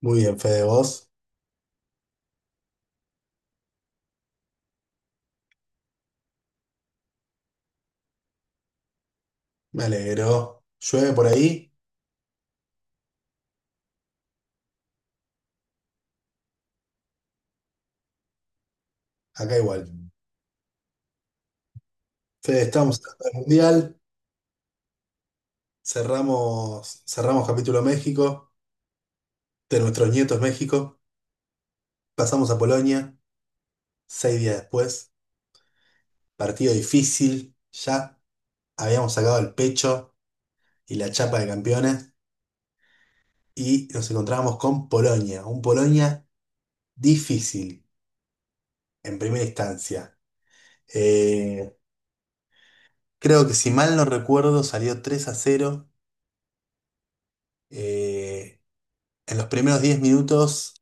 Muy bien, Fede, vos. Me alegro. Llueve por ahí, acá igual. Fede, estamos en el Mundial. Cerramos capítulo México, de nuestros nietos México. Pasamos a Polonia, 6 días después. Partido difícil, ya habíamos sacado el pecho y la chapa de campeones. Y nos encontramos con Polonia, un Polonia difícil en primera instancia. Eh, Creo que, si mal no recuerdo, salió 3-0. eh, En los primeros 10 minutos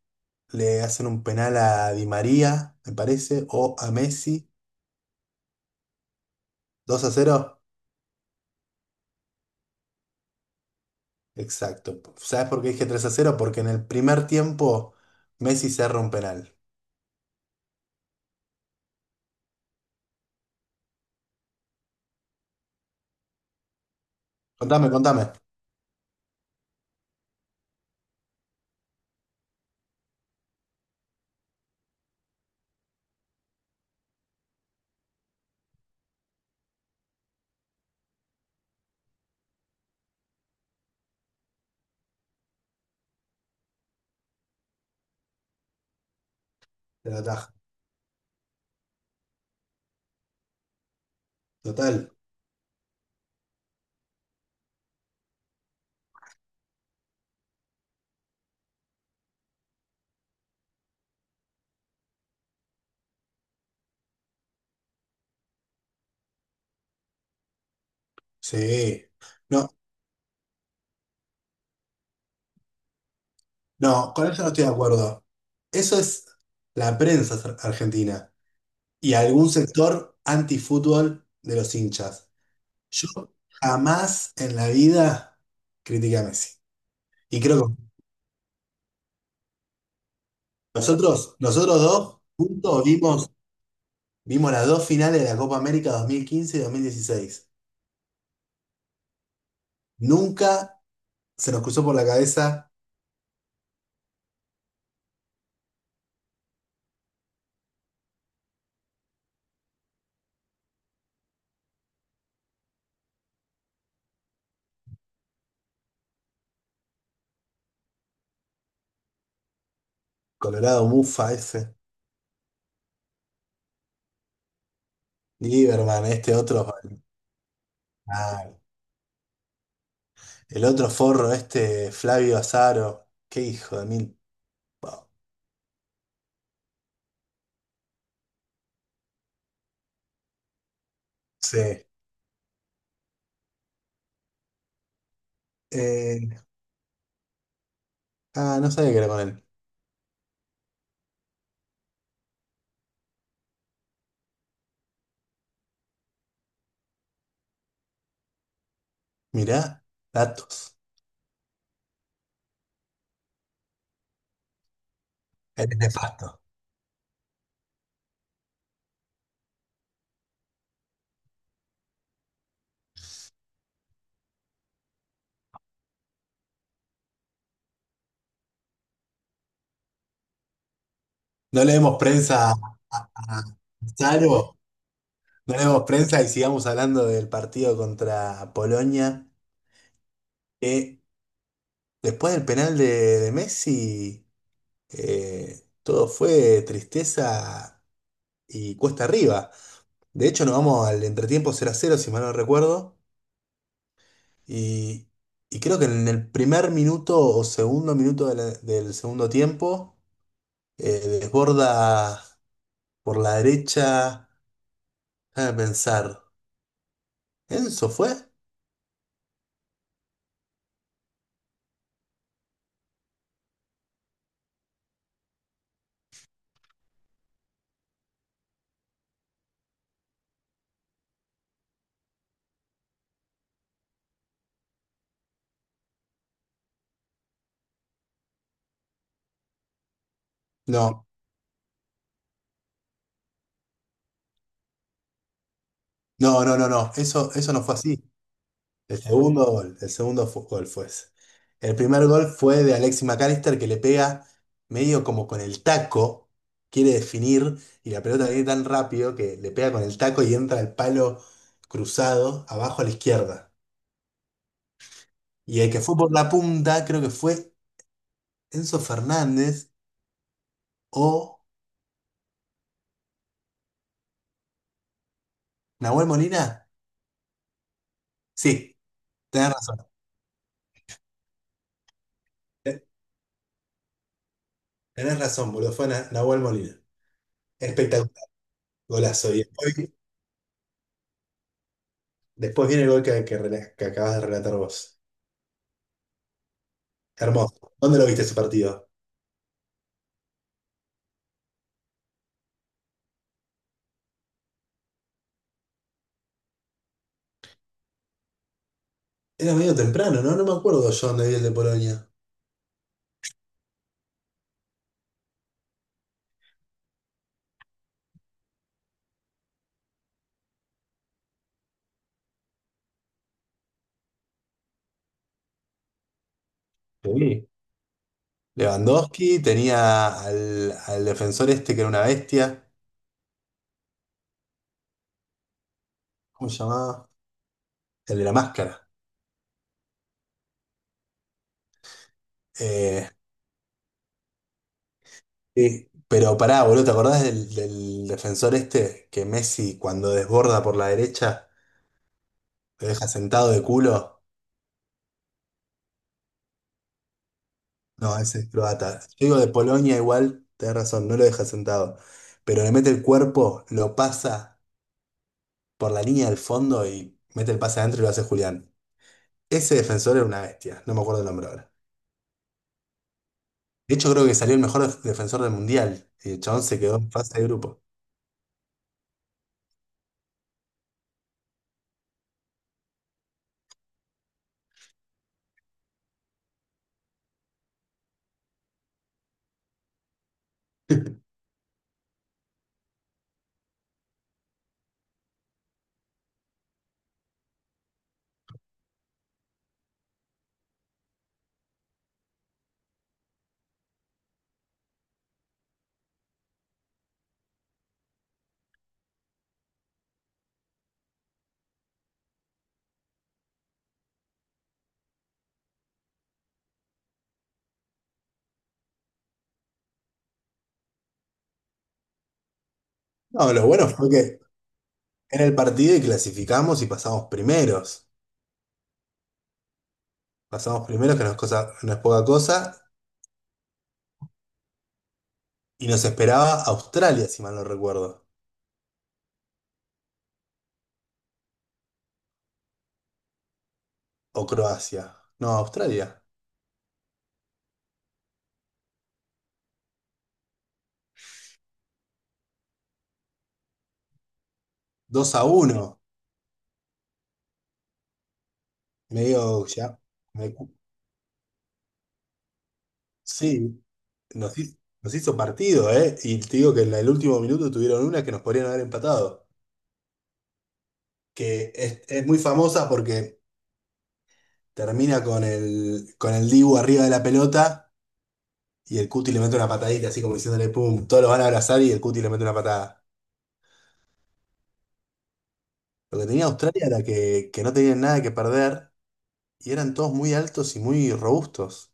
le hacen un penal a Di María, me parece, o a Messi. 2-0. Exacto. ¿Sabes por qué dije 3-0? Porque en el primer tiempo Messi cerra un penal. Contame, contame. Te la ataja. Total. Sí. No, no, con eso no estoy de acuerdo. Eso es la prensa argentina y algún sector antifútbol de los hinchas. Yo jamás en la vida critiqué a Messi. Y creo. Nosotros dos juntos vimos las dos finales de la Copa América 2015 y 2016. Nunca se nos cruzó por la cabeza. Colorado Mufa ese, Lieberman, este otro, ah, el otro forro, este Flavio Azaro. Qué hijo de mil. Sí. Eh, ah, no sabía qué era con él. Mirá, datos. Él es nefasto. No leemos prensa a Azaro, no leemos prensa y sigamos hablando del partido contra Polonia. Eh, después del penal de Messi, todo fue tristeza y cuesta arriba. De hecho, nos vamos al entretiempo 0-0, si mal no recuerdo. Y, y creo que en el primer minuto o segundo minuto del segundo tiempo, desborda por la derecha. Déjame pensar. ¿Enzo fue? No, no, no, no, no. Eso no fue así. El segundo gol fue ese. El primer gol fue de Alexis McAllister, que le pega medio como con el taco, quiere definir y la pelota viene tan rápido que le pega con el taco y entra el palo cruzado abajo a la izquierda. Y el que fue por la punta creo que fue Enzo Fernández o Nahuel Molina. Sí, tenés razón. eh, Tenés razón, boludo, fue Nahuel Molina. Espectacular, golazo. Y después, después viene el gol que acabas de relatar vos. Hermoso. ¿Dónde lo viste ese partido? Era medio temprano, ¿no? No me acuerdo yo dónde vi el de Polonia. Sí. Lewandowski tenía al defensor este que era una bestia. ¿Cómo se llamaba? El de la máscara. Eh, Sí. Pero pará, boludo, ¿te acordás del defensor este que Messi, cuando desborda por la derecha, lo deja sentado de culo? No, ese es croata. Yo digo de Polonia, igual, tenés razón, no lo deja sentado. Pero le mete el cuerpo, lo pasa por la línea del fondo y mete el pase adentro y lo hace Julián. Ese defensor era una bestia, no me acuerdo el nombre ahora. De hecho, creo que salió el mejor defensor del Mundial. Y el chabón se quedó en fase de grupo. No, lo bueno fue que era el partido y clasificamos y pasamos primeros. Pasamos primeros, que no es cosa, no es poca cosa, y nos esperaba Australia, si mal no recuerdo. O Croacia. No, Australia. Dos a 1. Medio ya. me- sí. Nos hizo partido, ¿eh? Y te digo que en el último minuto tuvieron una que nos podrían haber empatado. Que es muy famosa porque termina con el Dibu arriba de la pelota y el Cuti le mete una patadita, así como diciéndole, pum, todos lo van a abrazar y el Cuti le mete una patada. Lo que tenía Australia era que no tenían nada que perder y eran todos muy altos y muy robustos.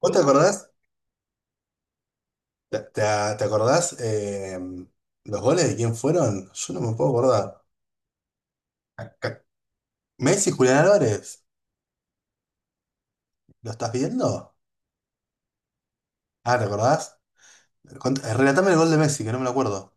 ¿Vos te acordás? ¿Te te acordás los goles de quién fueron? Yo no me puedo acordar. Acá- Messi, Julián Álvarez. ¿Lo estás viendo? Ah, ¿te acordás? Relatame el gol de Messi, que no me lo acuerdo.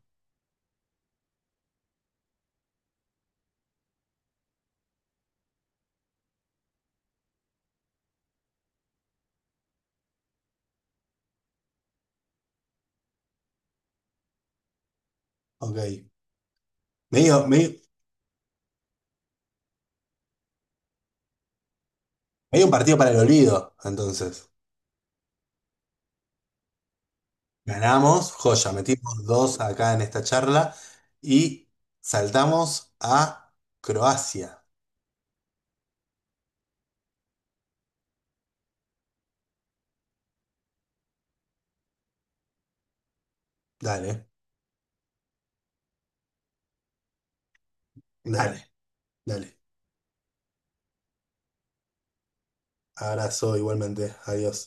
Ok. Medio, medio, medio un partido para el olvido, entonces. Ganamos, joya, metimos dos acá en esta charla y saltamos a Croacia. Dale, dale, dale. Abrazo igualmente. Adiós.